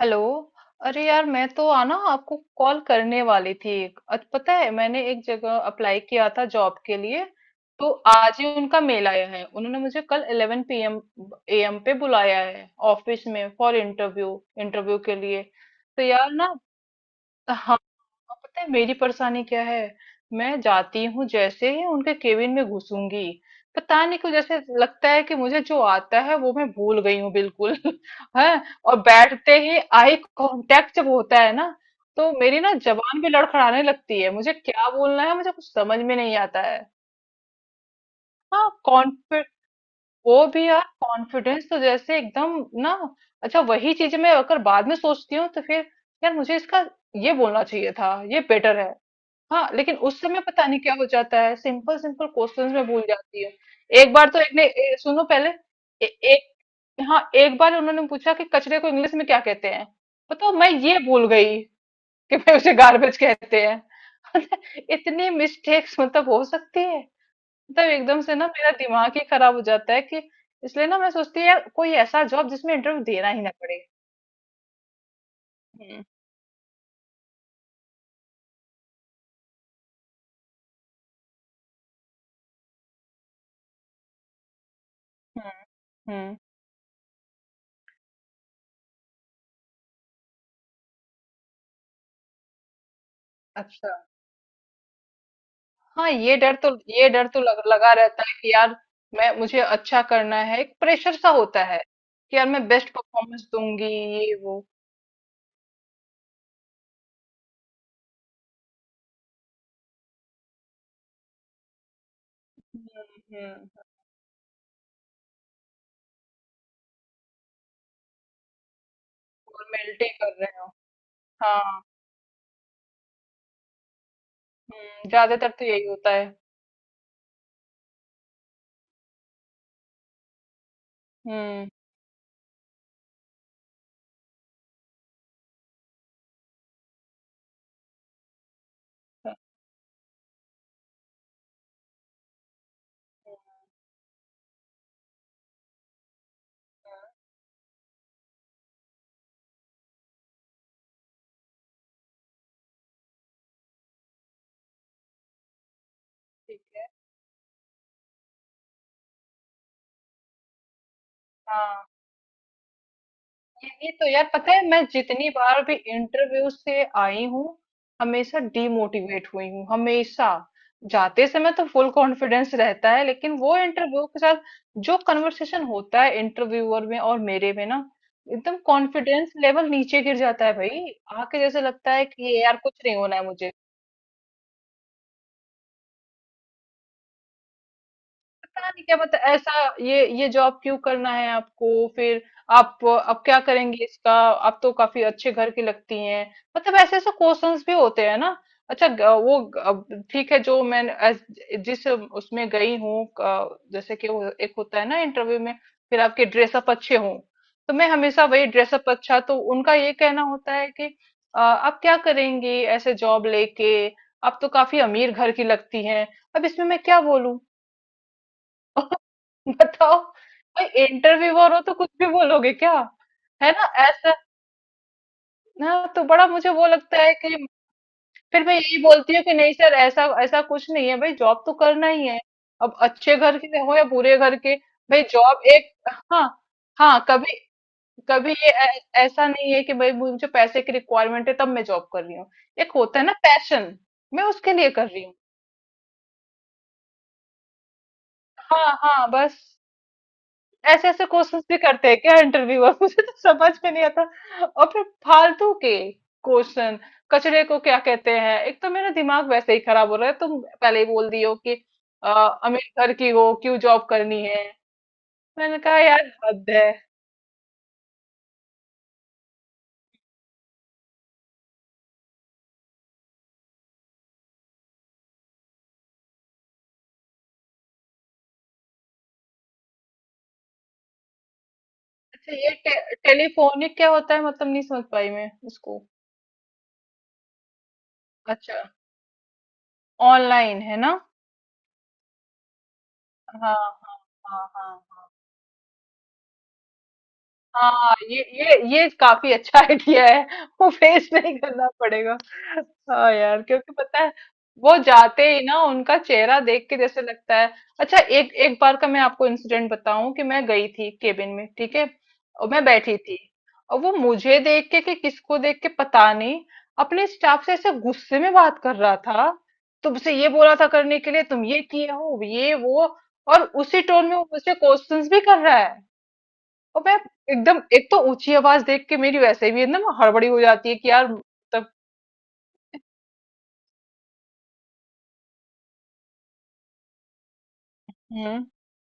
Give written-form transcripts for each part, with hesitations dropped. Hello. अरे यार मैं तो आना आपको कॉल करने वाली थी। पता है मैंने एक जगह अप्लाई किया था जॉब के लिए। तो आज ही उनका मेल आया है, उन्होंने मुझे कल 11 पीएम एएम पे बुलाया है ऑफिस में फॉर इंटरव्यू, इंटरव्यू के लिए। तो यार ना। हाँ, और पता है मेरी परेशानी क्या है। मैं जाती हूँ जैसे ही उनके केबिन में घुसूंगी, पता नहीं क्यों जैसे लगता है कि मुझे जो आता है वो मैं भूल गई हूँ बिल्कुल। है। और बैठते ही आई कांटेक्ट जब होता है ना, तो मेरी ना जबान भी लड़खड़ाने लगती है, मुझे क्या बोलना है मुझे कुछ समझ में नहीं आता है। हाँ, कॉन्फिड वो भी यार कॉन्फिडेंस तो जैसे एकदम ना। अच्छा, वही चीज मैं अगर बाद में सोचती हूँ तो फिर यार मुझे इसका ये बोलना चाहिए था, ये बेटर है। हाँ लेकिन उस समय पता नहीं क्या हो जाता है, सिंपल सिंपल क्वेश्चंस में भूल जाती हूँ। एक बार तो एक ने सुनो पहले। एक, हाँ, एक बार उन्होंने पूछा कि कचरे को इंग्लिश में क्या कहते हैं। बताओ, मैं ये भूल गई कि मैं उसे गार्बेज कहते हैं। इतनी मिस्टेक्स मतलब हो सकती है। मतलब एकदम से ना मेरा दिमाग ही खराब हो जाता है कि। इसलिए ना मैं सोचती हूँ यार कोई ऐसा जॉब जिसमें इंटरव्यू देना ही ना पड़े। हम्म। हम्म। हम्म। अच्छा। हाँ ये डर तो, ये डर तो लगा रहता है कि यार मैं मुझे अच्छा करना है, एक प्रेशर सा होता है कि यार मैं बेस्ट परफॉर्मेंस दूंगी, ये वो। हम्म। हम्म। फॉर्मेलिटी कर रहे हो। हाँ। हम्म, ज्यादातर तो यही होता है। हम्म। हाँ। ठीक। हाँ, ये तो यार पता है मैं जितनी बार भी इंटरव्यू से आई हूँ हमेशा डीमोटिवेट हुई हूँ, हमेशा। जाते समय तो फुल कॉन्फिडेंस रहता है, लेकिन वो इंटरव्यू के साथ जो कन्वर्सेशन होता है इंटरव्यूअर में और मेरे में ना एकदम कॉन्फिडेंस लेवल नीचे गिर जाता है भाई। आके जैसे लगता है कि ये यार कुछ नहीं होना है मुझे। पता नहीं क्या, मतलब ऐसा ये जॉब क्यों करना है आपको, फिर आप क्या करेंगे इसका, आप तो काफी अच्छे घर की लगती हैं। मतलब ऐसे ऐसे क्वेश्चंस भी होते हैं ना। अच्छा, वो ठीक है, जो मैं जिस उसमें गई हूँ, जैसे कि वो एक होता है ना इंटरव्यू में, फिर आपके ड्रेसअप अच्छे हों, तो मैं हमेशा वही ड्रेसअप अच्छा, तो उनका ये कहना होता है कि आप क्या करेंगी ऐसे जॉब लेके, आप तो काफी अमीर घर की लगती हैं। अब इसमें मैं क्या बोलूं। बताओ, भाई इंटरव्यूअर हो तो कुछ भी बोलोगे क्या। है ना ऐसा। ना तो बड़ा मुझे वो लगता है कि फिर मैं यही बोलती हूँ कि नहीं सर, ऐसा ऐसा कुछ नहीं है, भाई जॉब तो करना ही है, अब अच्छे घर के हो या बुरे घर के, भाई जॉब एक। हाँ। हाँ, कभी कभी ये ऐसा नहीं है कि भाई मुझे पैसे की रिक्वायरमेंट है तब मैं जॉब कर रही हूँ। एक होता है ना पैशन, मैं उसके लिए कर रही हूँ। हाँ हाँ बस। ऐसे ऐसे क्वेश्चंस भी करते हैं क्या इंटरव्यूअर। मुझे तो समझ में नहीं आता। और फिर फालतू के क्वेश्चन, कचरे को क्या कहते हैं, एक तो मेरा दिमाग वैसे ही खराब हो रहा है तुम पहले ही बोल दियो कि अ, अमेरिका की हो क्यों जॉब करनी है। मैंने कहा यार हद है। अच्छा ये टेलीफोनिक क्या होता है, मतलब नहीं समझ पाई मैं उसको। अच्छा, ऑनलाइन है ना। हाँ हाँ। हाँ हाँ। हाँ, ये काफी अच्छा आइडिया है, वो फेस नहीं करना पड़ेगा। हाँ यार, क्योंकि पता है वो जाते ही ना उनका चेहरा देख के जैसे लगता है। अच्छा, एक एक बार का मैं आपको इंसिडेंट बताऊं कि मैं गई थी केबिन में, ठीक है, और मैं बैठी थी और वो मुझे देख के, कि किसको देख के पता नहीं, अपने स्टाफ से ऐसे गुस्से में बात कर रहा था। तुमसे ये बोला था करने के लिए, तुम ये किए हो, ये वो। और उसी टोन में वो मुझसे क्वेश्चंस भी कर रहा है, और मैं एकदम, एक तो ऊंची आवाज देख के मेरी वैसे भी एकदम हड़बड़ी हो जाती है कि यार मतलब। हम्म।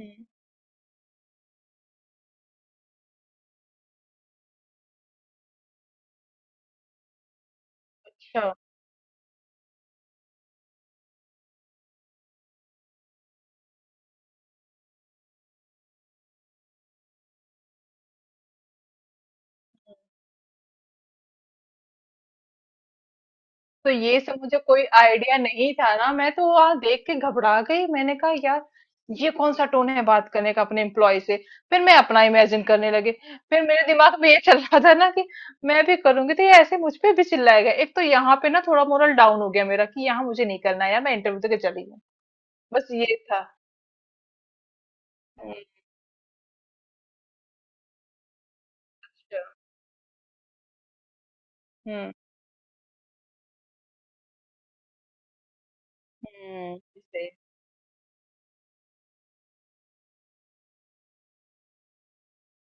हम्म। अच्छा। तो ये सब मुझे कोई आइडिया नहीं था ना, मैं तो वहां देख के घबरा गई। मैंने कहा यार ये कौन सा टोन है बात करने का अपने एम्प्लॉय से। फिर मैं अपना इमेजिन करने लगी, फिर मेरे दिमाग में ये चल रहा था ना कि मैं भी करूंगी तो ये ऐसे मुझ पे भी चिल्लाएगा। एक तो यहाँ पे ना थोड़ा मोरल डाउन हो गया मेरा कि यहाँ मुझे नहीं करना है यार, मैं इंटरव्यू देके चली हूँ, बस ये था। अच्छा। हम्म। हम्म।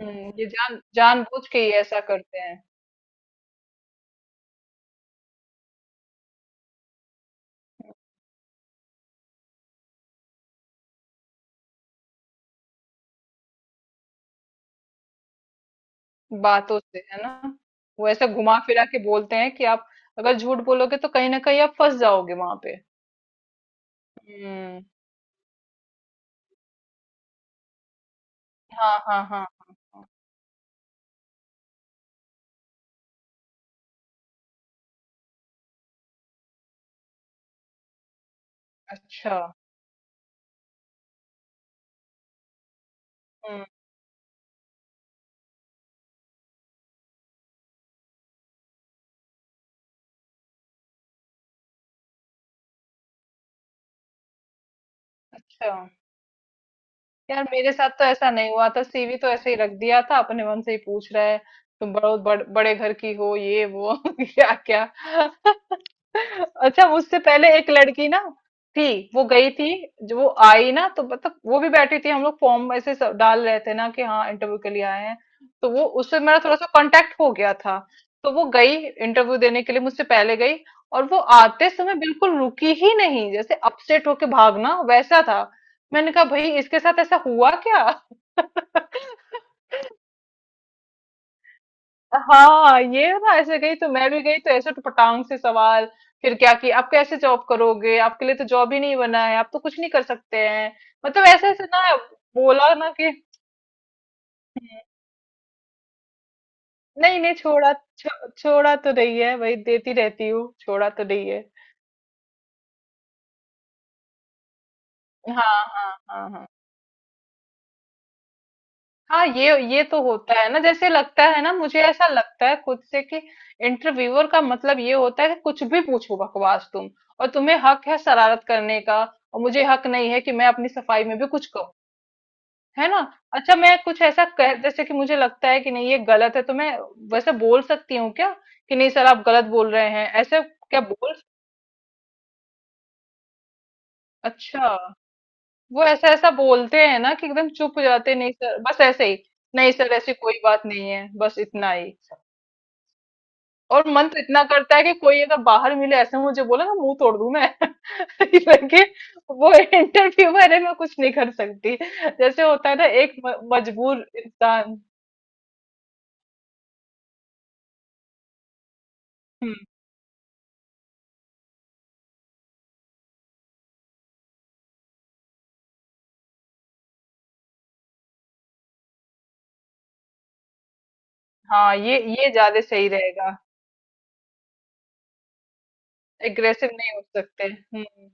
ये जानबूझ के ये ऐसा करते हैं। बातों से है ना। वो ऐसे घुमा फिरा के बोलते हैं कि आप अगर झूठ बोलोगे तो कहीं ना कहीं आप फंस जाओगे वहां पे। हम्म। हाँ हाँ हाँ। हाँ, अच्छा। हम्म। अच्छा। यार मेरे साथ तो ऐसा नहीं हुआ था, सीवी तो ऐसे ही रख दिया था, अपने मन से ही पूछ रहा है, तुम बड़ो बड़े घर की हो, ये वो क्या क्या अच्छा, उससे पहले एक लड़की ना थी, वो गई थी। जो वो आई ना, तो मतलब वो भी बैठी थी, हम लोग फॉर्म ऐसे सब डाल रहे थे ना कि हाँ इंटरव्यू के लिए आए हैं, तो वो उससे मेरा थोड़ा सा कांटेक्ट हो गया था। तो वो गई इंटरव्यू देने के लिए, मुझसे पहले गई, और वो आते समय बिल्कुल रुकी ही नहीं, जैसे अपसेट होके भागना वैसा था। मैंने कहा भाई इसके साथ ऐसा हुआ क्या। हाँ, ये ना ऐसे गई तो मैं भी गई, तो ऐसे टपटांग से सवाल। फिर क्या कि आप कैसे जॉब करोगे, आपके लिए तो जॉब ही नहीं बना है, आप तो कुछ नहीं कर सकते हैं। मतलब ऐसे ऐसे ना बोला ना कि। नहीं नहीं, छोड़ा छोड़ा तो नहीं है भाई, देती रहती हूँ, छोड़ा तो नहीं है। हाँ हाँ हाँ। हाँ। हाँ ये तो होता है ना, जैसे लगता है ना, मुझे ऐसा लगता है खुद से कि इंटरव्यूअर का मतलब ये होता है कि कुछ भी पूछो बकवास तुम, और तुम्हें हक है शरारत करने का, और मुझे हक नहीं है कि मैं अपनी सफाई में भी कुछ कहूँ, है ना। अच्छा, मैं कुछ ऐसा कह, जैसे कि मुझे लगता है कि नहीं ये गलत है, तो मैं वैसे बोल सकती हूँ क्या कि नहीं सर आप गलत बोल रहे हैं, ऐसे क्या बोल। अच्छा। वो ऐसा ऐसा बोलते हैं ना कि एकदम चुप हो जाते हैं, नहीं सर बस ऐसे ही, नहीं सर ऐसी कोई बात नहीं है, बस इतना ही। और मन तो इतना करता है कि कोई अगर बाहर मिले ऐसे मुझे बोले ना, मुंह तोड़ दूं मैं। लेकिन वो इंटरव्यू वाले में कुछ नहीं कर सकती, जैसे होता है ना एक मजबूर इंसान। हम्म। हाँ ये ज्यादा सही रहेगा। एग्रेसिव नहीं हो सकते। हम्म।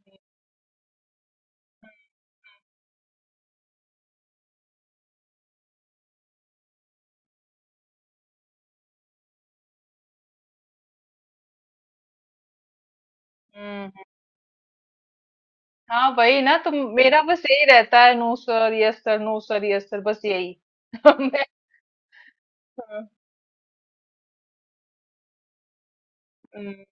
हम्म। हम्म। हाँ वही ना, तो मेरा बस यही रहता है, no sir, yes sir, no sir, yes sir, बस यही। मैं। हम्म। हम्म।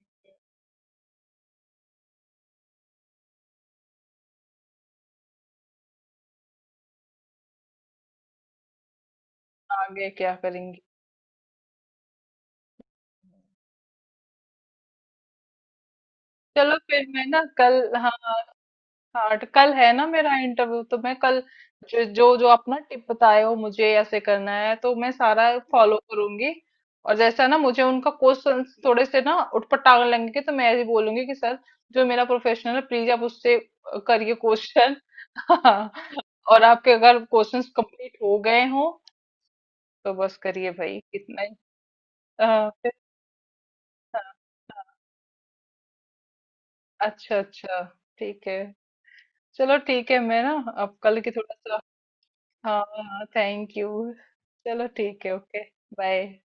आगे क्या करेंगे। चलो फिर मैं ना कल। हाँ। हाँ तो कल है ना मेरा इंटरव्यू, तो मैं कल जो जो आप ना टिप बताए हो, मुझे ऐसे करना है तो मैं सारा फॉलो करूंगी। और जैसा ना मुझे उनका क्वेश्चन थोड़े से ना उटपटांग लगेंगे तो मैं ऐसे बोलूंगी कि सर जो मेरा प्रोफेशनल है प्लीज आप उससे करिए क्वेश्चन। हाँ। और आपके अगर क्वेश्चंस कंप्लीट हो गए हो तो बस करिए भाई, इतना ही। हाँ, फिर-। हाँ। हाँ। अच्छा अच्छा। ठीक है। चलो ठीक है, मैं ना अब कल की थोड़ा सा। हाँ, थैंक यू। चलो ठीक है, ओके। बाय।